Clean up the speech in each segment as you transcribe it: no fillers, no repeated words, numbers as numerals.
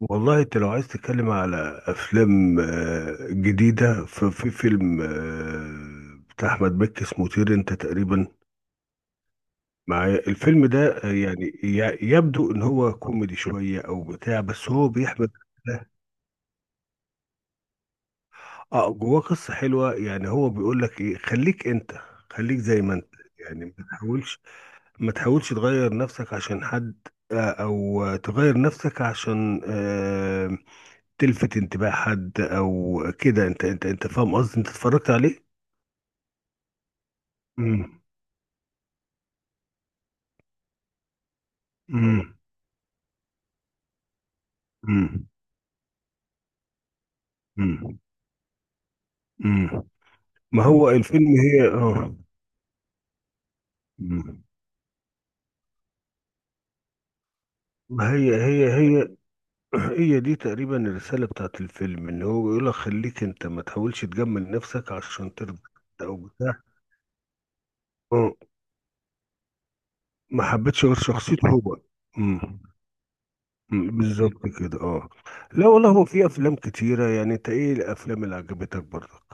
والله انت لو عايز تتكلم على افلام جديده، ففي فيلم بتاع احمد مكي اسمه طير انت. تقريبا معايا الفيلم ده. يعني يبدو ان هو كوميدي شويه او بتاع، بس هو بيحمل اه جواه قصه حلوه. يعني هو بيقول لك ايه، خليك انت، خليك زي ما انت. يعني ما تحاولش تغير نفسك عشان حد، او تغير نفسك عشان تلفت انتباه حد او كده. انت فاهم قصدي، انت اتفرجت عليه؟ امم. امم. امم. امم. امم. ما هو الفيلم هي، اه. امم. ما هي دي تقريبا الرسالة بتاعت الفيلم، ان هو بيقول لك خليك انت، ما تحاولش تجمل نفسك عشان ترضى. او بتاع. اه، ما حبيتش غير شخصيته هو. امم. بالظبط كده، اه. لا والله، هو في افلام كتيرة. يعني انت ايه الافلام اللي عجبتك برضك؟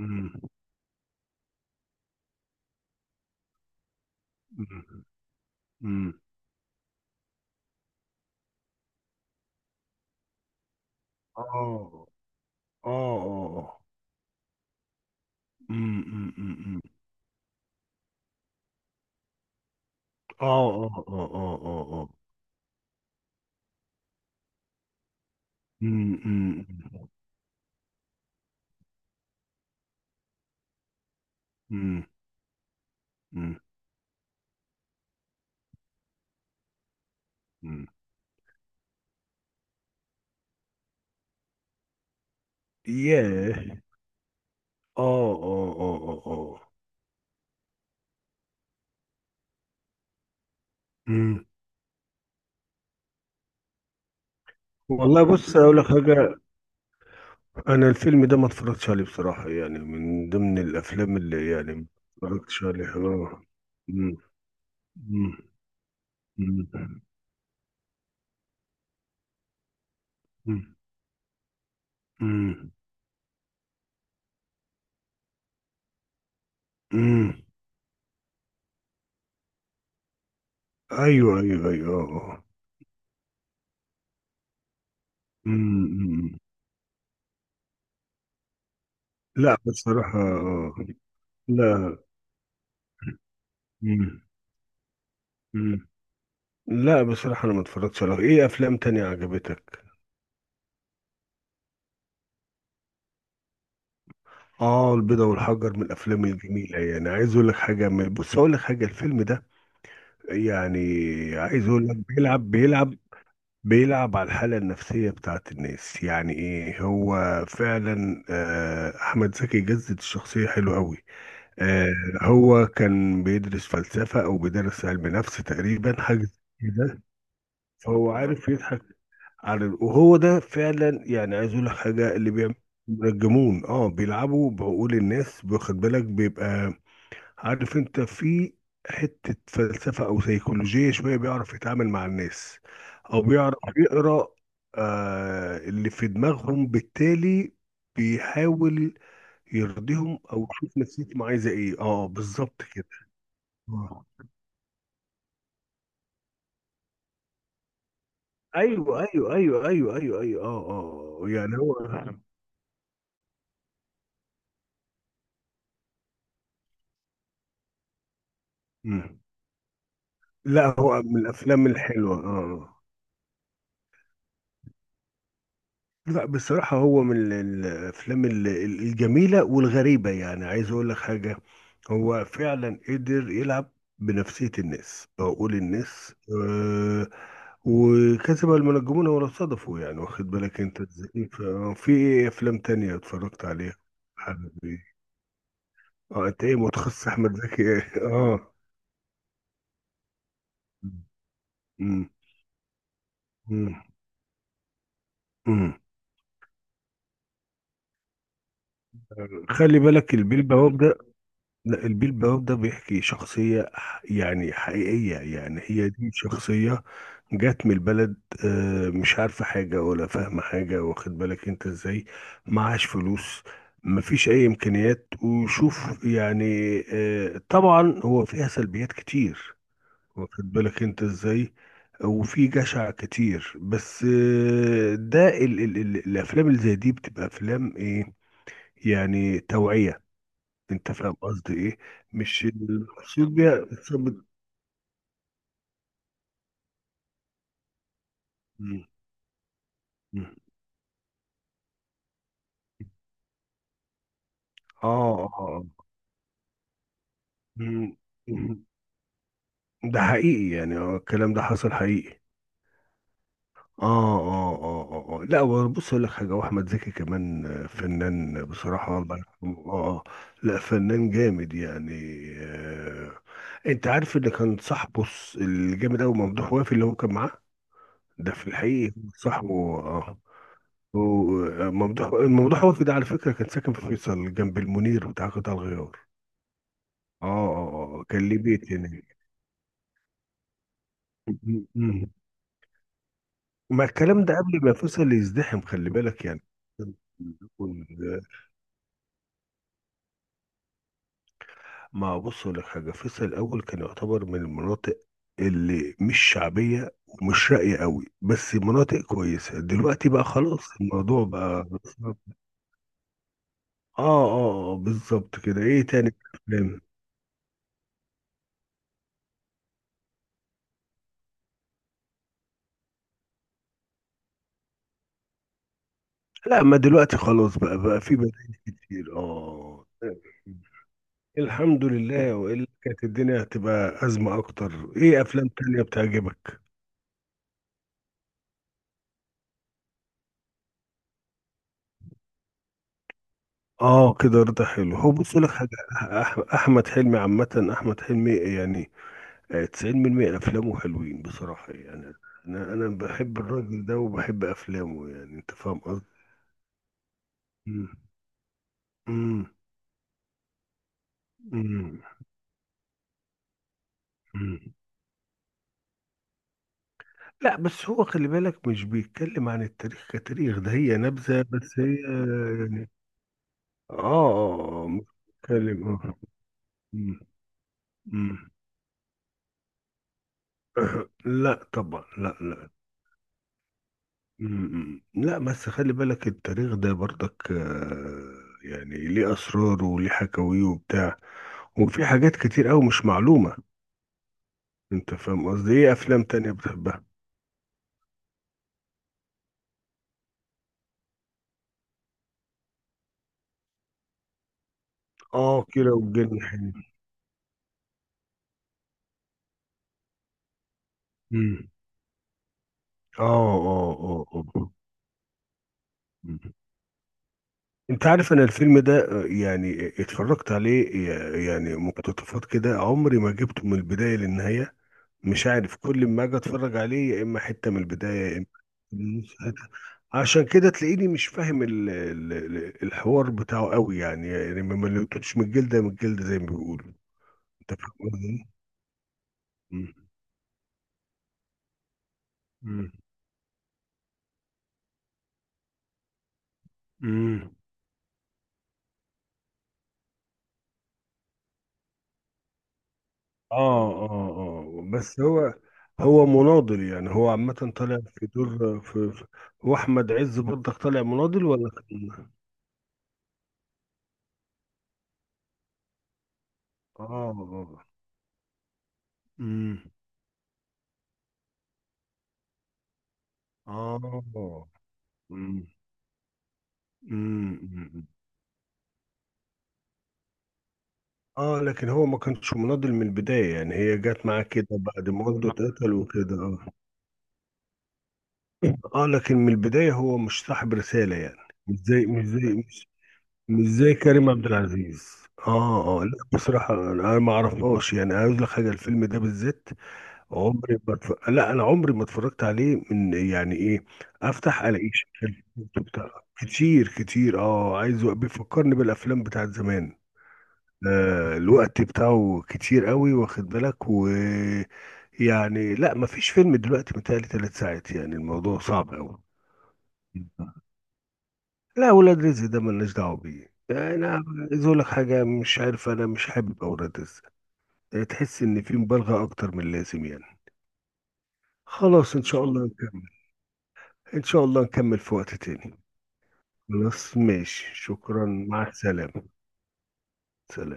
أمم. مم. مم. اه. اه. اه. اه. مم، مم، مم، مم. اه. اه. اه. اه. اه. اه. مم، مم، مم، مم، مم. ياه. اه. اه. اه. اه. اه. مم. والله بص اقول لك حاجه، انا الفيلم ده ما اتفرجتش عليه بصراحه، يعني من ضمن الافلام اللي يعني ما اتفرجتش عليه، اه. مم، مم، مم، مم، مم، مم. ايوه، ايوه، ايوه، اه، آه. مم. لا بصراحة. لا. مم. مم. لا بصراحة، أنا ما اتفرجتش على. إيه أفلام تانية عجبتك؟ آه، البيضة والحجر من الأفلام الجميلة. يعني عايز أقول لك حاجة، بص أقول لك حاجة. الفيلم ده يعني، عايز أقول لك، بيلعب، بيلعب على الحالة النفسية بتاعت الناس. يعني إيه هو فعلا. أحمد زكي جسد الشخصية حلو أوي. آه، هو كان بيدرس فلسفة، أو بيدرس علم نفس تقريبا، حاجة زي كده. فهو عارف يضحك على، وهو ده فعلا. يعني عايز اقول لك حاجه، اللي بيعمل بيرجمون، بيلعبوا بعقول الناس، واخد بالك؟ بيبقى عارف انت، في حته فلسفه او سيكولوجيه شويه، بيعرف يتعامل مع الناس، او بيعرف يقرا اللي في دماغهم، بالتالي بيحاول يرضيهم او يشوف نفسيتهم عايزه ايه. اه، بالظبط كده. آه. ايوه، ايوه، ايوه، ايوه، ايوه، ايوه، اه. اه، يعني هو. مم. لا، هو من الافلام الحلوه، اه. لا بصراحه هو من الافلام الجميله والغريبه. يعني عايز اقول لك حاجه، هو فعلا قدر يلعب بنفسيه الناس، عقول الناس. آه، وكسب المنجمون ولا صدفوا. يعني واخد بالك انت ازاي؟ في ايه افلام تانية اتفرجت عليها؟ حبيبي. اه، انت ايه، متخصص احمد زكي؟ اه. مم. مم. مم. خلي بالك، البيه البواب. لا، البيلباوب ده بيحكي شخصية يعني حقيقية، يعني هي دي شخصية جات من البلد. مش عارفة حاجة ولا فاهمة حاجة. واخد بالك انت ازاي، معهاش فلوس، مفيش اي امكانيات. وشوف يعني. طبعا هو فيها سلبيات كتير، واخد بالك انت ازاي، وفي جشع كتير. بس ده ال الافلام اللي زي دي بتبقى افلام ايه، يعني توعية. انت فاهم قصدي ايه؟ مش المقصود بيها بتثبت. مم. مم. اه، اه. آه. مم. مم. ده حقيقي يعني. الكلام ده حصل حقيقي. اه. اه، اه، اه، آه. لا، هو بص اقول لك حاجه، واحمد زكي كمان فنان بصراحه، الله يرحمه، اه، آه. لا، فنان جامد يعني. آه. انت عارف اللي كان صاحبه، الجامد قوي، ممدوح وافي، اللي هو كان معاه ده في الحقيقه صاحبه، اه. وممدوح وفد، على فكرة، كان ساكن في فيصل جنب المنير بتاع قطاع الغيار. اه. اه. كان ليه بيت هناك. م- م- ما الكلام ده قبل ما فيصل يزدحم، خلي بالك يعني. وال- ما بص أقول لك حاجة، فيصل الأول كان يعتبر من المناطق اللي مش شعبية ومش راقية قوي، بس مناطق كويسة دلوقتي. بقى خلاص الموضوع، بقى اه. اه. بالظبط كده. ايه تاني؟ لا، ما دلوقتي خلاص بقى في بدائل كتير، اه. الحمد لله، والا كانت الدنيا هتبقى ازمه اكتر. ايه افلام تانية بتعجبك؟ اه، كده رضا حلو. هو بص لك حاجه، احمد حلمي عامه، احمد حلمي يعني 90% افلامه حلوين بصراحه يعني. انا بحب الراجل ده وبحب افلامه، يعني انت فاهم قصدي. مم. مم. مم. لا بس هو، خلي بالك، مش بيتكلم عن التاريخ كتاريخ، ده هي نبذة بس هي يعني. اه. مش بيتكلم. آه. مم، مم. أه، لا طبعا، لا، لا. مم، مم. لا بس خلي بالك، التاريخ ده برضك يعني ليه أسراره وليه حكاويه وبتاع، وفي حاجات كتير أوي مش معلومة. أنت فاهم قصدي؟ إيه أفلام تانية بتحبها؟ آه، كيرة والجن حلو. مم. آه. آه. آه. آه. انت عارف انا الفيلم ده يعني اتفرجت عليه يعني مقتطفات كده. عمري ما جبته من البداية للنهاية، مش عارف. كل ما اجي اتفرج عليه يا اما حتة من البداية، يا اما من نص حتة. عشان كده تلاقيني مش فاهم الحوار بتاعه قوي، يعني ما لقيتوش من الجلدة من الجلدة زي ما بيقولوا. انت فاهم قصدي؟ مم. مم. مم. اه، اه، اه، بس هو هو مناضل يعني، هو عامة طالع في دور، هو أحمد عز برضك طالع مناضل، ولا كان؟ اه. اه. امم. اه. امم. امم. اه، لكن هو ما كانش مناضل من البداية يعني، هي جت معاه كده بعد ما والده اتقتل وكده، اه. اه، لكن من البداية هو مش صاحب رسالة يعني. مش زي مش زي مش زي كريم عبد العزيز. اه. اه. لا بصراحة، انا ما اعرفهاش يعني. عاوز لك حاجة، الفيلم ده بالذات عمري ما اتف... لا، انا عمري ما اتفرجت عليه من، يعني، ايه، افتح الاقيه شغال في اليوتيوب بتاع. كتير كتير، اه. عايز، بيفكرني بالافلام بتاعت زمان. آه، الوقت بتاعه كتير قوي، واخد بالك؟ و، يعني، لا ما فيش فيلم دلوقتي متهيألي 3 ساعات، يعني الموضوع صعب قوي. لا، ولاد رزق ده ملناش دعوه بيه انا. عايز اقول لك حاجه، مش عارف، انا مش حابب اولاد رزق، يعني تحس ان في مبالغه اكتر من اللازم يعني. خلاص ان شاء الله نكمل. ان شاء الله نكمل في وقت تاني. خلاص ماشي، شكرا، مع السلامه. سلام.